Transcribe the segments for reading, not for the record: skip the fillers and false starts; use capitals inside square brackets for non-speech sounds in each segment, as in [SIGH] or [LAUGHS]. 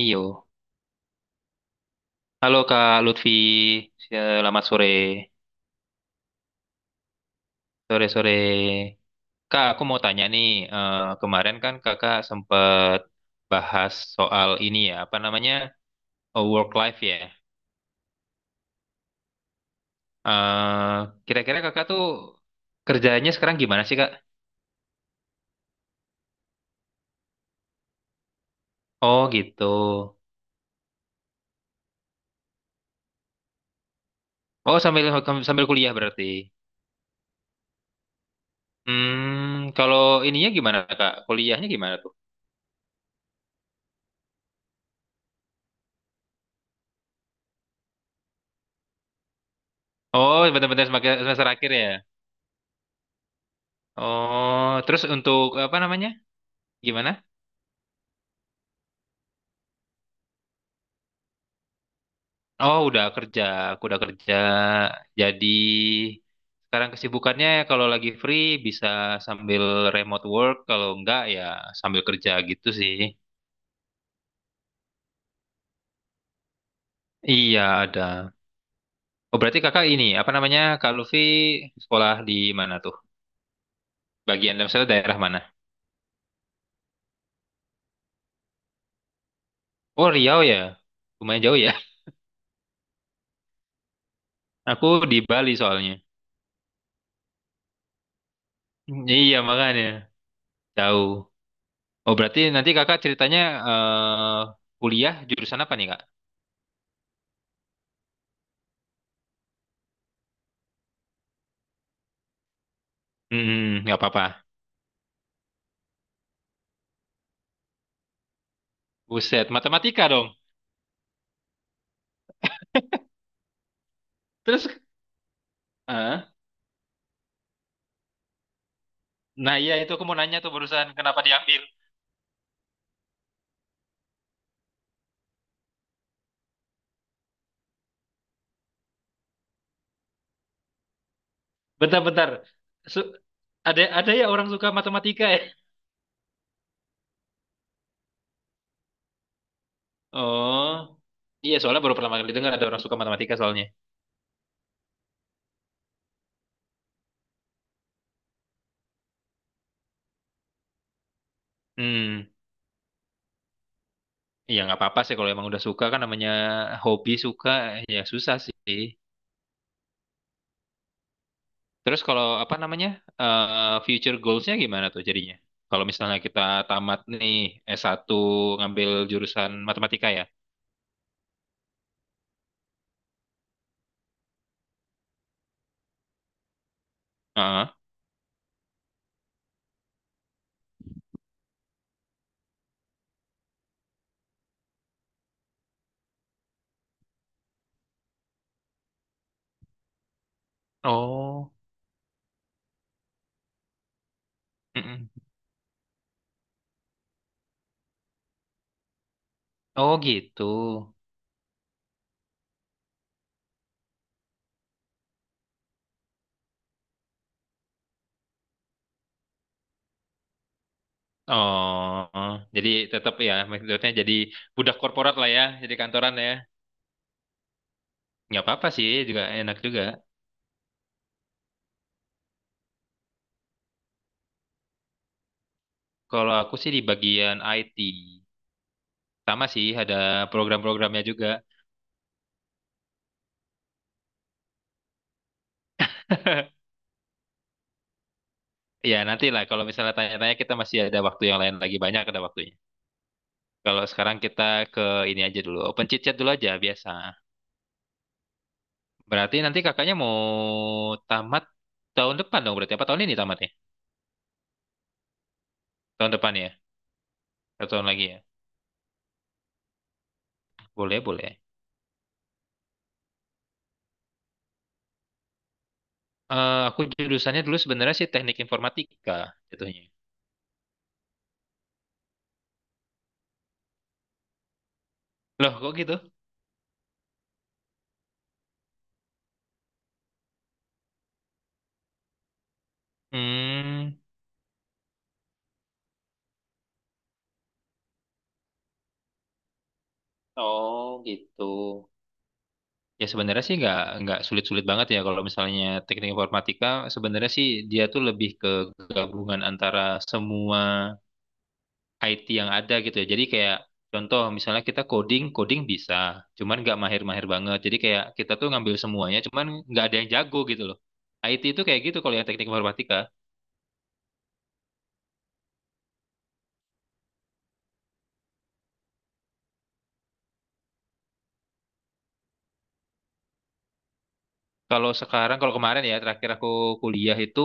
Iyo. Halo Kak Lutfi, ya, selamat sore. Sore-sore. Kak, aku mau tanya nih, kemarin kan kakak sempat bahas soal ini ya, apa namanya, work life ya. Eh, Kira-kira kakak tuh kerjanya sekarang gimana sih Kak? Oh gitu. Oh sambil sambil kuliah berarti. Hmm, kalau ininya gimana Kak? Kuliahnya gimana tuh? Oh, benar-benar semester semester akhir ya. Oh, terus untuk apa namanya? Gimana? Oh, udah kerja, aku udah kerja. Jadi sekarang kesibukannya ya kalau lagi free bisa sambil remote work, kalau enggak ya sambil kerja gitu sih. Iya, ada. Oh, berarti kakak ini, apa namanya, Kak Luffy sekolah di mana tuh? Bagian misalnya daerah mana? Oh, Riau ya. Lumayan jauh ya. [LAUGHS] Aku di Bali soalnya. Iya, makanya tahu. Oh, berarti nanti kakak ceritanya eh, kuliah jurusan apa nih, Kak? Hmm, nggak apa-apa. Buset, matematika dong. Terus, eh, nah iya itu aku mau nanya tuh barusan kenapa diambil. Bentar-bentar, Su- ada ya orang suka matematika ya? Oh, iya soalnya baru pertama kali dengar ada orang suka matematika soalnya. Hmm, iya nggak apa-apa sih kalau emang udah suka kan namanya hobi suka ya susah sih. Terus kalau apa namanya future goalsnya gimana tuh jadinya? Kalau misalnya kita tamat nih satu ngambil jurusan matematika ya? Heeh. Oh, mm-mm. Oh gitu. Oh, jadi tetap ya maksudnya jadi budak korporat lah ya, jadi kantoran ya. Nggak apa-apa sih, juga enak juga. Kalau aku sih di bagian IT, sama sih ada program-programnya juga. [LAUGHS] Ya nanti lah kalau misalnya tanya-tanya kita masih ada waktu yang lain lagi banyak ada waktunya. Kalau sekarang kita ke ini aja dulu, open chit chat dulu aja biasa. Berarti nanti kakaknya mau tamat tahun depan dong berarti apa tahun ini tamatnya? Tahun depan ya, atau tahun lagi ya? Boleh boleh. Aku jurusannya dulu sebenarnya sih teknik informatika jatuhnya. Loh, kok gitu? Hmm, oh gitu, ya sebenarnya sih nggak sulit-sulit banget ya kalau misalnya teknik informatika. Sebenarnya sih dia tuh lebih ke gabungan antara semua IT yang ada gitu ya. Jadi kayak contoh misalnya kita coding, coding bisa, cuman nggak mahir-mahir banget. Jadi kayak kita tuh ngambil semuanya, cuman nggak ada yang jago gitu loh. IT itu kayak gitu kalau yang teknik informatika. Kalau sekarang, kalau kemarin ya, terakhir aku kuliah itu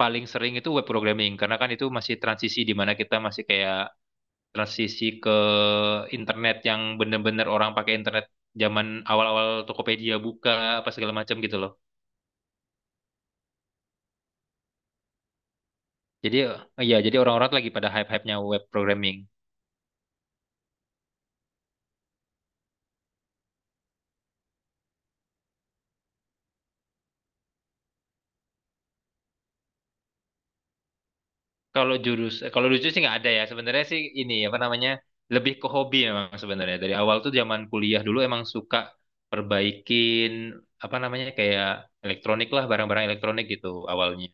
paling sering itu web programming karena kan itu masih transisi di mana kita masih kayak transisi ke internet yang bener-bener orang pakai internet zaman awal-awal Tokopedia buka apa segala macam gitu loh. Jadi ya jadi orang-orang tuh lagi pada hype-hypenya web programming. Kalau lucu sih nggak ada ya. Sebenarnya sih ini apa namanya lebih ke hobi memang sebenarnya. Dari awal tuh zaman kuliah dulu emang suka perbaikin apa namanya kayak elektronik lah, barang-barang elektronik gitu awalnya.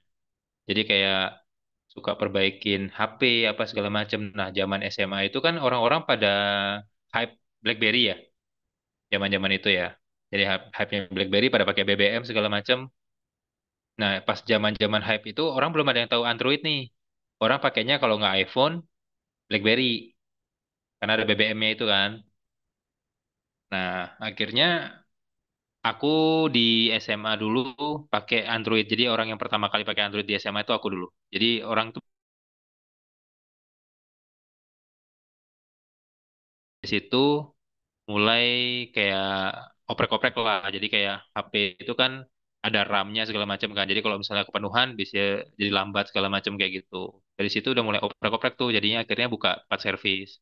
Jadi kayak suka perbaikin HP apa segala macam. Nah, zaman SMA itu kan orang-orang pada hype BlackBerry ya, zaman-zaman itu ya. Jadi hype-nya BlackBerry pada pakai BBM segala macam. Nah, pas zaman-zaman hype itu orang belum ada yang tahu Android nih. Orang pakainya kalau nggak iPhone, BlackBerry karena ada BBM-nya itu kan. Nah, akhirnya aku di SMA dulu pakai Android. Jadi orang yang pertama kali pakai Android di SMA itu aku dulu. Jadi orang tuh di situ mulai kayak oprek-oprek lah. Jadi kayak HP itu kan ada RAM-nya segala macam kan. Jadi kalau misalnya kepenuhan bisa jadi lambat segala macam kayak gitu. Dari situ udah mulai oprek-oprek tuh. Jadinya akhirnya buka part service.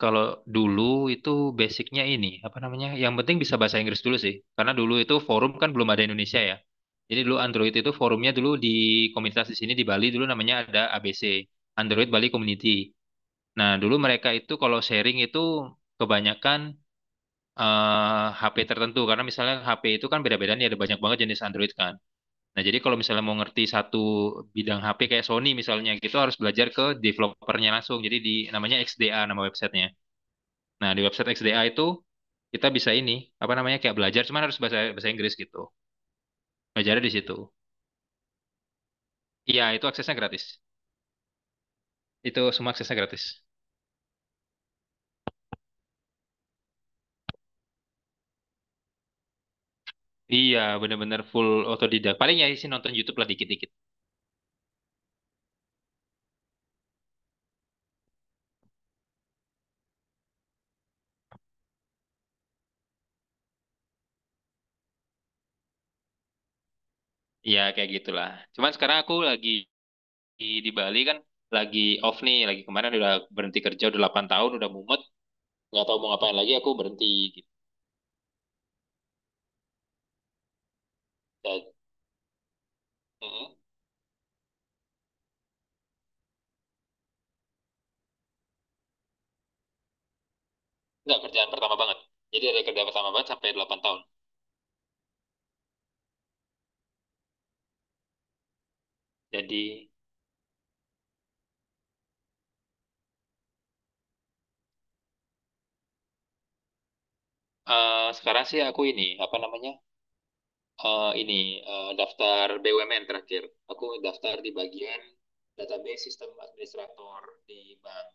Kalau dulu itu basicnya ini, apa namanya? Yang penting bisa bahasa Inggris dulu sih. Karena dulu itu forum kan belum ada Indonesia ya. Jadi dulu Android itu forumnya dulu di komunitas di sini di Bali dulu namanya ada ABC, Android Bali Community. Nah, dulu mereka itu kalau sharing itu kebanyakan HP tertentu karena misalnya HP itu kan beda-beda nih ada banyak banget jenis Android kan. Nah, jadi kalau misalnya mau ngerti satu bidang HP kayak Sony misalnya gitu harus belajar ke developernya langsung. Jadi di namanya XDA nama websitenya. Nah, di website XDA itu kita bisa ini, apa namanya, kayak belajar, cuman harus bahasa bahasa Inggris gitu. Belajarnya di situ. Iya, itu aksesnya gratis. Itu semua aksesnya gratis. Iya, bener-bener full otodidak. Paling ya isi nonton YouTube lah dikit-dikit. Iya, kayak gitulah. Cuman sekarang aku lagi di Bali kan, lagi off nih, lagi kemarin udah berhenti kerja, udah 8 tahun, udah mumet, nggak tahu mau ngapain lagi, aku berhenti gitu. Dan, mm, nggak kerjaan pertama banget. Jadi dari kerjaan pertama banget sampai 8 tahun. Jadi sekarang sih aku ini, apa namanya, eh, ini daftar BUMN terakhir. Aku daftar di bagian database sistem administrator di bank.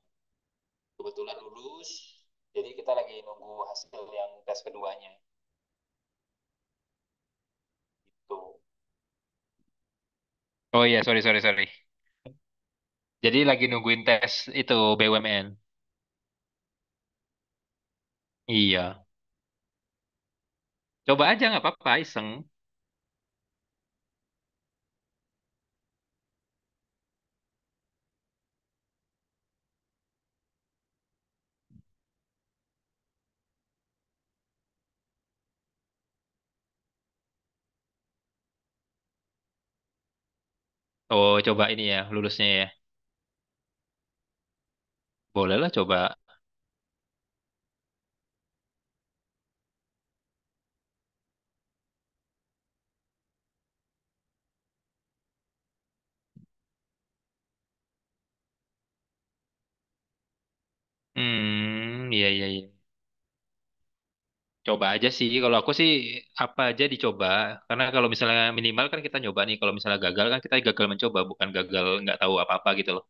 Kebetulan lulus, jadi kita lagi nunggu hasil yang tes keduanya gitu. Oh iya, sorry, sorry, sorry. Jadi lagi nungguin tes itu BUMN. Iya. Coba aja nggak apa-apa, iseng. Oh, coba ini ya, lulusnya ya. Boleh lah coba. Hmm, iya, iya, iya. Coba aja sih, kalau aku sih apa aja dicoba. Karena kalau misalnya minimal kan kita nyoba nih, kalau misalnya gagal kan kita gagal mencoba, bukan gagal nggak tahu apa-apa gitu loh.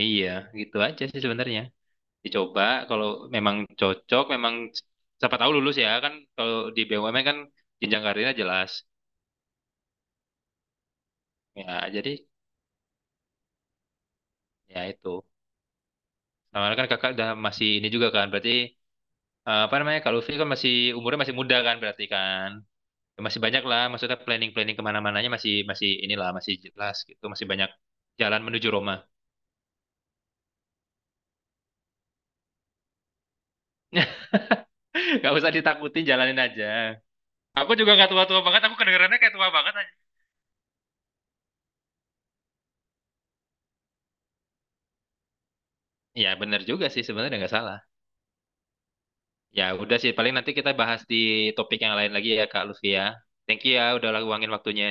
Iya, gitu aja sih sebenarnya. Dicoba, kalau memang cocok, memang siapa tahu lulus ya kan. Kalau di BUMN kan jenjang karirnya jelas. Ya, jadi ya itu. Sama kan kakak udah masih ini juga kan, berarti apa namanya, kalau Lutfi kan masih umurnya masih muda kan berarti kan. Masih banyak lah, maksudnya planning-planning kemana-mananya masih masih inilah masih jelas gitu, masih banyak jalan menuju Roma. [LAUGHS] Gak usah ditakutin, jalanin aja. Aku juga nggak tua-tua banget, aku kedengerannya kayak tua banget aja. Ya bener juga sih sebenarnya nggak salah. Ya udah sih, paling nanti kita bahas di topik yang lain lagi ya Kak Lutfi ya. Thank you ya udah luangin waktunya.